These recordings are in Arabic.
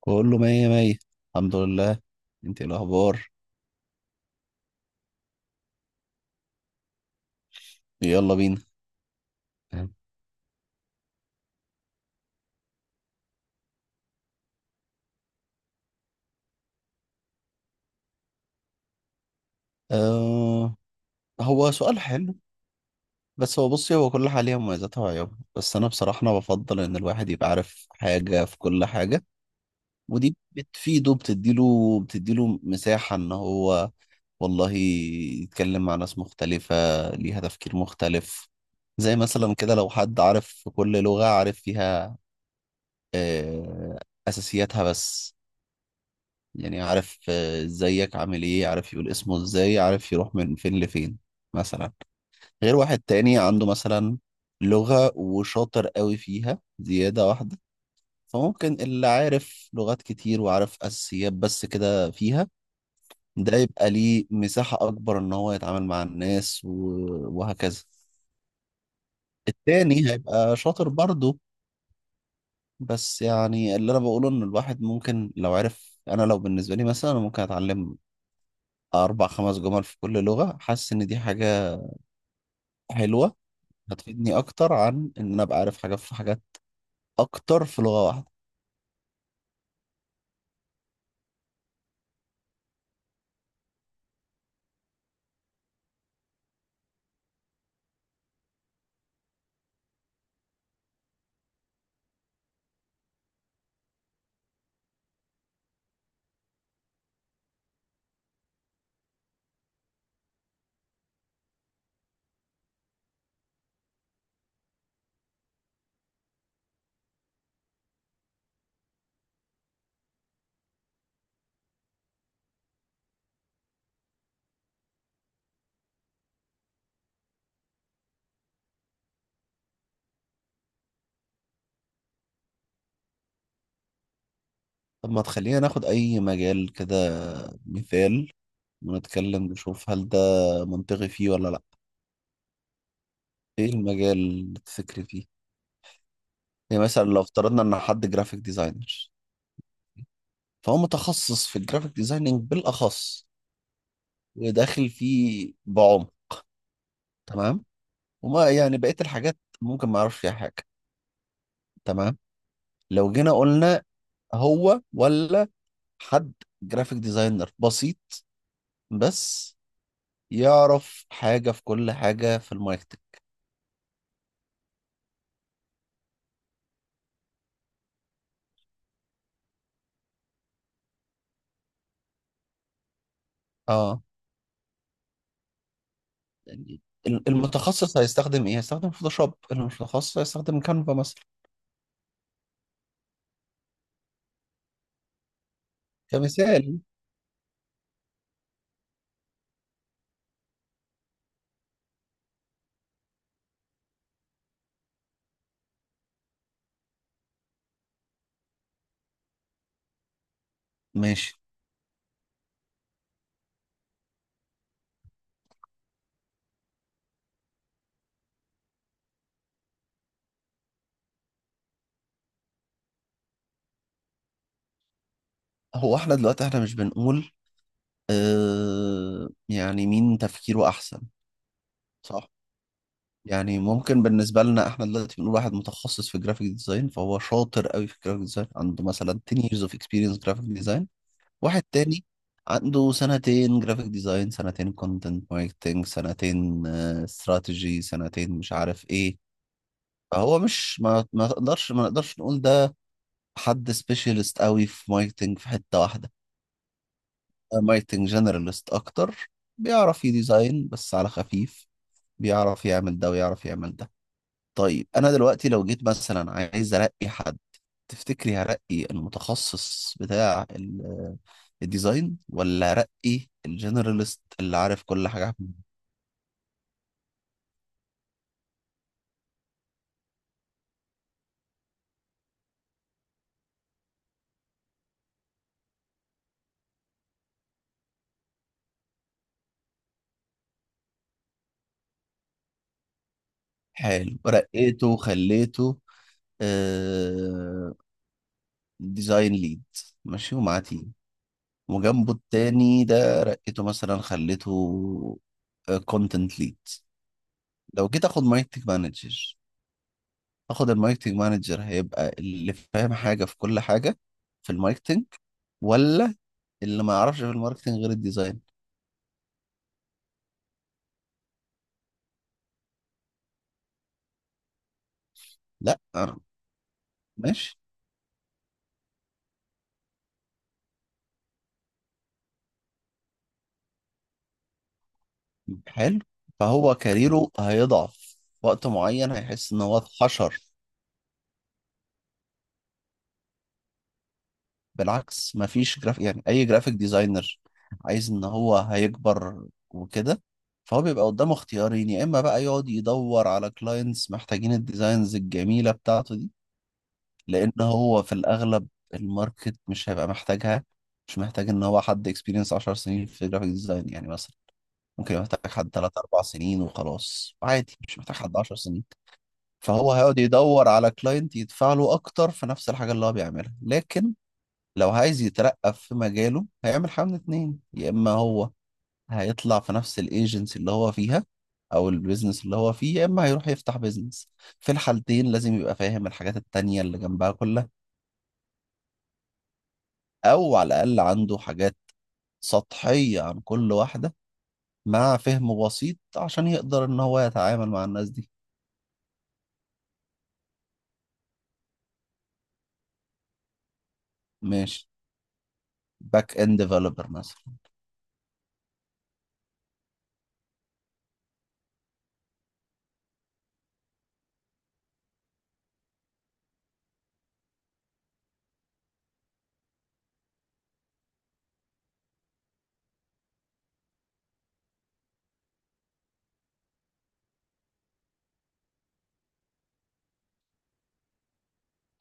كله مية مية. الحمد لله. انت ايه الاخبار؟ يلا بينا. آه، هو سؤال حلو. بس هو بصي، هو كل حاجة ليها مميزاتها وعيوبها. بس انا بصراحة انا بفضل ان الواحد يبقى عارف حاجة في كل حاجة. ودي بتفيده، بتديله مساحة ان هو والله يتكلم مع ناس مختلفة ليها تفكير مختلف. زي مثلا كده لو حد عارف في كل لغة، عارف فيها آه اساسياتها بس. يعني عارف، ازيك عامل ايه، عارف يقول اسمه ازاي، عارف يروح من فين لفين مثلا. غير واحد تاني عنده مثلا لغة وشاطر قوي فيها زيادة واحدة. فممكن اللي عارف لغات كتير وعارف أساسيات بس كده فيها، ده يبقى ليه مساحة أكبر إن هو يتعامل مع الناس وهكذا. التاني هيبقى شاطر برضه. بس يعني اللي أنا بقوله إن الواحد ممكن لو عرف، أنا لو بالنسبة لي مثلا أنا ممكن أتعلم 4 5 جمل في كل لغة حاسس إن دي حاجة حلوة، هتفيدني أكتر عن إن أنا أبقى عارف حاجة في حاجات أكتر في لغة واحدة. طب ما تخلينا ناخد أي مجال كده مثال ونتكلم نشوف هل ده منطقي فيه ولا لأ. إيه المجال اللي تفكري فيه؟ يعني مثلا لو افترضنا إن حد جرافيك ديزاينر، فهو متخصص في الجرافيك ديزايننج بالأخص وداخل فيه بعمق. تمام. وما يعني بقية الحاجات ممكن ما أعرفش فيها حاجة. تمام. لو جينا قلنا هو، ولا حد جرافيك ديزاينر بسيط بس يعرف حاجة في كل حاجة في الماركتنج. اه، يعني المتخصص هيستخدم ايه؟ هيستخدم فوتوشوب، اللي مش متخصص هيستخدم كانفا مثلا كمثال. ماشي. هو احنا دلوقتي احنا مش بنقول يعني مين تفكيره احسن. صح، يعني ممكن بالنسبة لنا احنا دلوقتي بنقول واحد متخصص في جرافيك ديزاين، فهو شاطر قوي في جرافيك ديزاين عنده مثلا 10 years of experience graphic design. واحد تاني عنده سنتين جرافيك ديزاين، سنتين كونتنت ماركتنج، سنتين استراتيجي، سنتين مش عارف ايه. فهو مش، ما ما تقدرش ما نقدرش نقول ده حد سبيشالست قوي في ماركتنج في حتة واحدة. ماركتنج جنرالست اكتر، بيعرف يديزاين بس على خفيف، بيعرف يعمل ده ويعرف يعمل ده. طيب انا دلوقتي لو جيت مثلا عايز ارقي حد، تفتكري هرقي المتخصص بتاع الديزاين ولا رقي الجنراليست اللي عارف كل حاجة عنه؟ حلو، رقيته وخليته آه ديزاين ليد، ماشي ومعاه تيم، وجنبه التاني ده رقيته مثلا خليته كونتنت ليد. لو جيت اخد ماركتنج مانجر، اخد الماركتنج مانجر هيبقى اللي فاهم حاجة في كل حاجة في الماركتنج، ولا اللي ما يعرفش في الماركتنج غير الديزاين؟ لا ماشي. حلو، فهو كاريره هيضعف وقت معين هيحس ان هو اتحشر. بالعكس، مفيش جراف، يعني اي جرافيك ديزاينر عايز ان هو هيكبر وكده. فهو بيبقى قدامه اختيارين، يا اما بقى يقعد يدور على كلاينتس محتاجين الديزاينز الجميلة بتاعته دي، لان هو في الاغلب الماركت مش هيبقى محتاجها. مش محتاج ان هو حد اكسبيرينس 10 سنين في جرافيك ديزاين يعني مثلا، ممكن يبقى محتاج حد 3 4 سنين وخلاص عادي، مش محتاج حد 10 سنين. فهو هيقعد يدور على كلاينت يدفع له اكتر في نفس الحاجه اللي هو بيعملها، لكن لو عايز يترقى في مجاله هيعمل حاجه من اتنين، يا اما هو هيطلع في نفس الايجنسي اللي هو فيها او البيزنس اللي هو فيه، يا اما هيروح يفتح بيزنس. في الحالتين لازم يبقى فاهم الحاجات التانية اللي جنبها كلها، او على الاقل عنده حاجات سطحية عن كل واحدة مع فهم بسيط عشان يقدر ان هو يتعامل مع الناس دي. ماشي، باك اند ديفلوبر مثلا،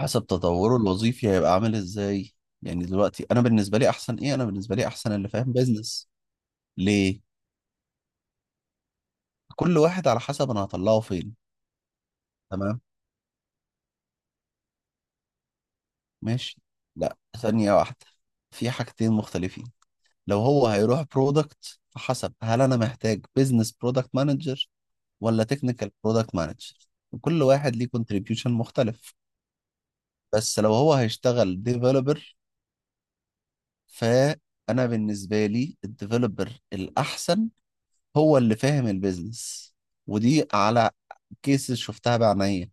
حسب تطوره الوظيفي هيبقى عامل ازاي. يعني دلوقتي انا بالنسبه لي احسن ايه؟ انا بالنسبه لي احسن اللي فاهم بيزنس. ليه؟ كل واحد على حسب انا هطلعه فين. تمام ماشي. لا، ثانيه واحده. في حاجتين مختلفين، لو هو هيروح برودكت فحسب، هل انا محتاج بيزنس برودكت مانجر ولا تكنيكال برودكت مانجر؟ كل واحد ليه كونتريبيوشن مختلف. بس لو هو هيشتغل ديفلوبر، فانا بالنسبه لي الديفلوبر الاحسن هو اللي فاهم البيزنس. ودي على كيسز شفتها بعينيا،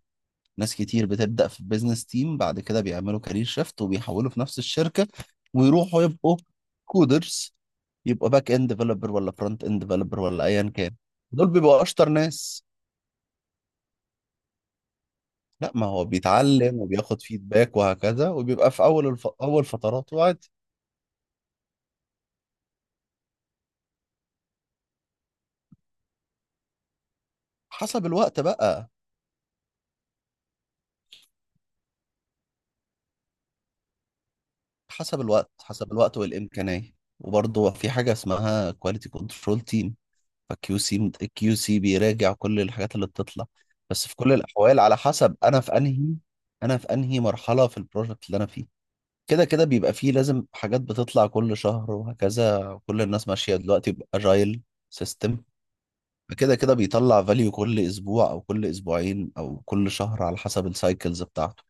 ناس كتير بتبدأ في البيزنس تيم بعد كده بيعملوا كارير شيفت وبيحولوا في نفس الشركة ويروحوا يبقوا كودرز، يبقوا باك اند ديفلوبر ولا فرونت اند ديفلوبر ولا ايا كان، دول بيبقوا اشطر ناس. لا، ما هو بيتعلم وبياخد فيدباك وهكذا، وبيبقى في اول فتراته عادي. حسب الوقت بقى، حسب الوقت، حسب الوقت والامكانيه. وبرضه في حاجه اسمها كواليتي كنترول تيم، فكيو سي كيو سي بيراجع كل الحاجات اللي بتطلع. بس في كل الاحوال على حسب انا في انهي، انا في انهي مرحله في البروجكت اللي انا فيه، كده كده بيبقى فيه لازم حاجات بتطلع كل شهر وهكذا. كل الناس ماشيه دلوقتي باجايل سيستم، فكده كده بيطلع فاليو كل اسبوع او كل اسبوعين او كل شهر على حسب السايكلز بتاعته.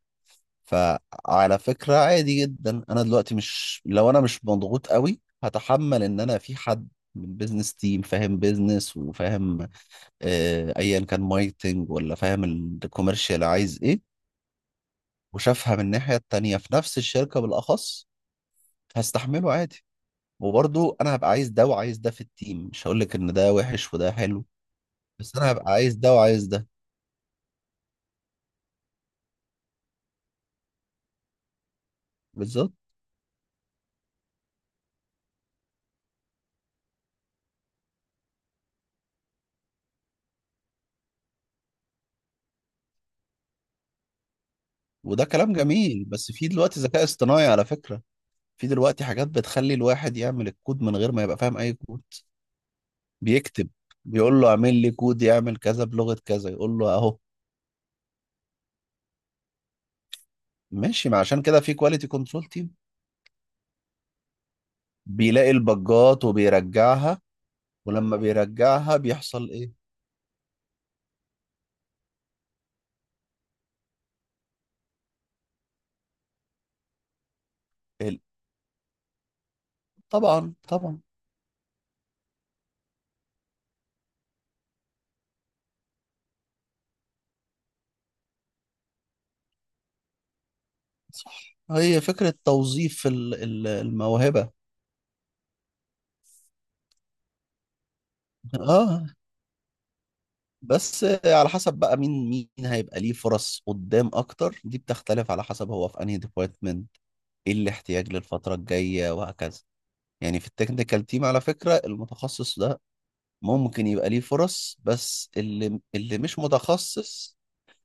فعلى فكره عادي جدا، انا دلوقتي مش، لو انا مش مضغوط قوي هتحمل ان انا في حد من بيزنس تيم فاهم بيزنس وفاهم ايا كان ماركتنج ولا فاهم الكوميرشال عايز ايه وشافها من الناحيه التانيه في نفس الشركه بالاخص، هستحمله عادي. وبرضه انا هبقى عايز ده وعايز ده في التيم، مش هقول لك ان ده وحش وده حلو، بس انا هبقى عايز ده وعايز ده. بالظبط. وده كلام جميل، بس في دلوقتي ذكاء اصطناعي على فكره، في دلوقتي حاجات بتخلي الواحد يعمل الكود من غير ما يبقى فاهم اي كود بيكتب، بيقول له اعمل لي كود يعمل كذا بلغه كذا، يقول له اهو. ماشي، ما عشان كده في كواليتي كنترول تيم بيلاقي البجات وبيرجعها، ولما بيرجعها بيحصل ايه؟ ال- طبعا طبعا. صح، هي فكرة توظيف الموهبة. اه. بس على حسب بقى مين مين هيبقى ليه فرص قدام اكتر، دي بتختلف على حسب هو في انهي ديبارتمنت، ايه الاحتياج للفترة الجاية وهكذا. يعني في التكنيكال تيم على فكرة المتخصص ده ممكن يبقى ليه فرص، بس اللي مش متخصص،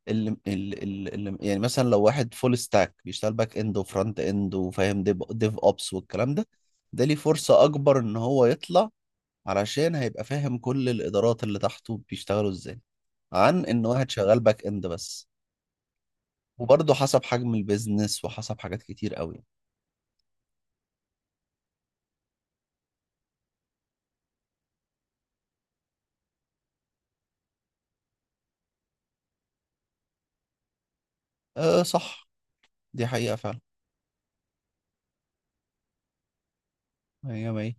يعني مثلا لو واحد فول ستاك بيشتغل باك اند وفرونت اند وفاهم ديف اوبس والكلام ده، ده ليه فرصة اكبر ان هو يطلع علشان هيبقى فاهم كل الادارات اللي تحته بيشتغلوا ازاي، عن ان واحد شغال باك اند بس. وبرضه حسب حجم البيزنس وحسب حاجات كتير قوي. أه صح، دي حقيقة فعلا. مية مية.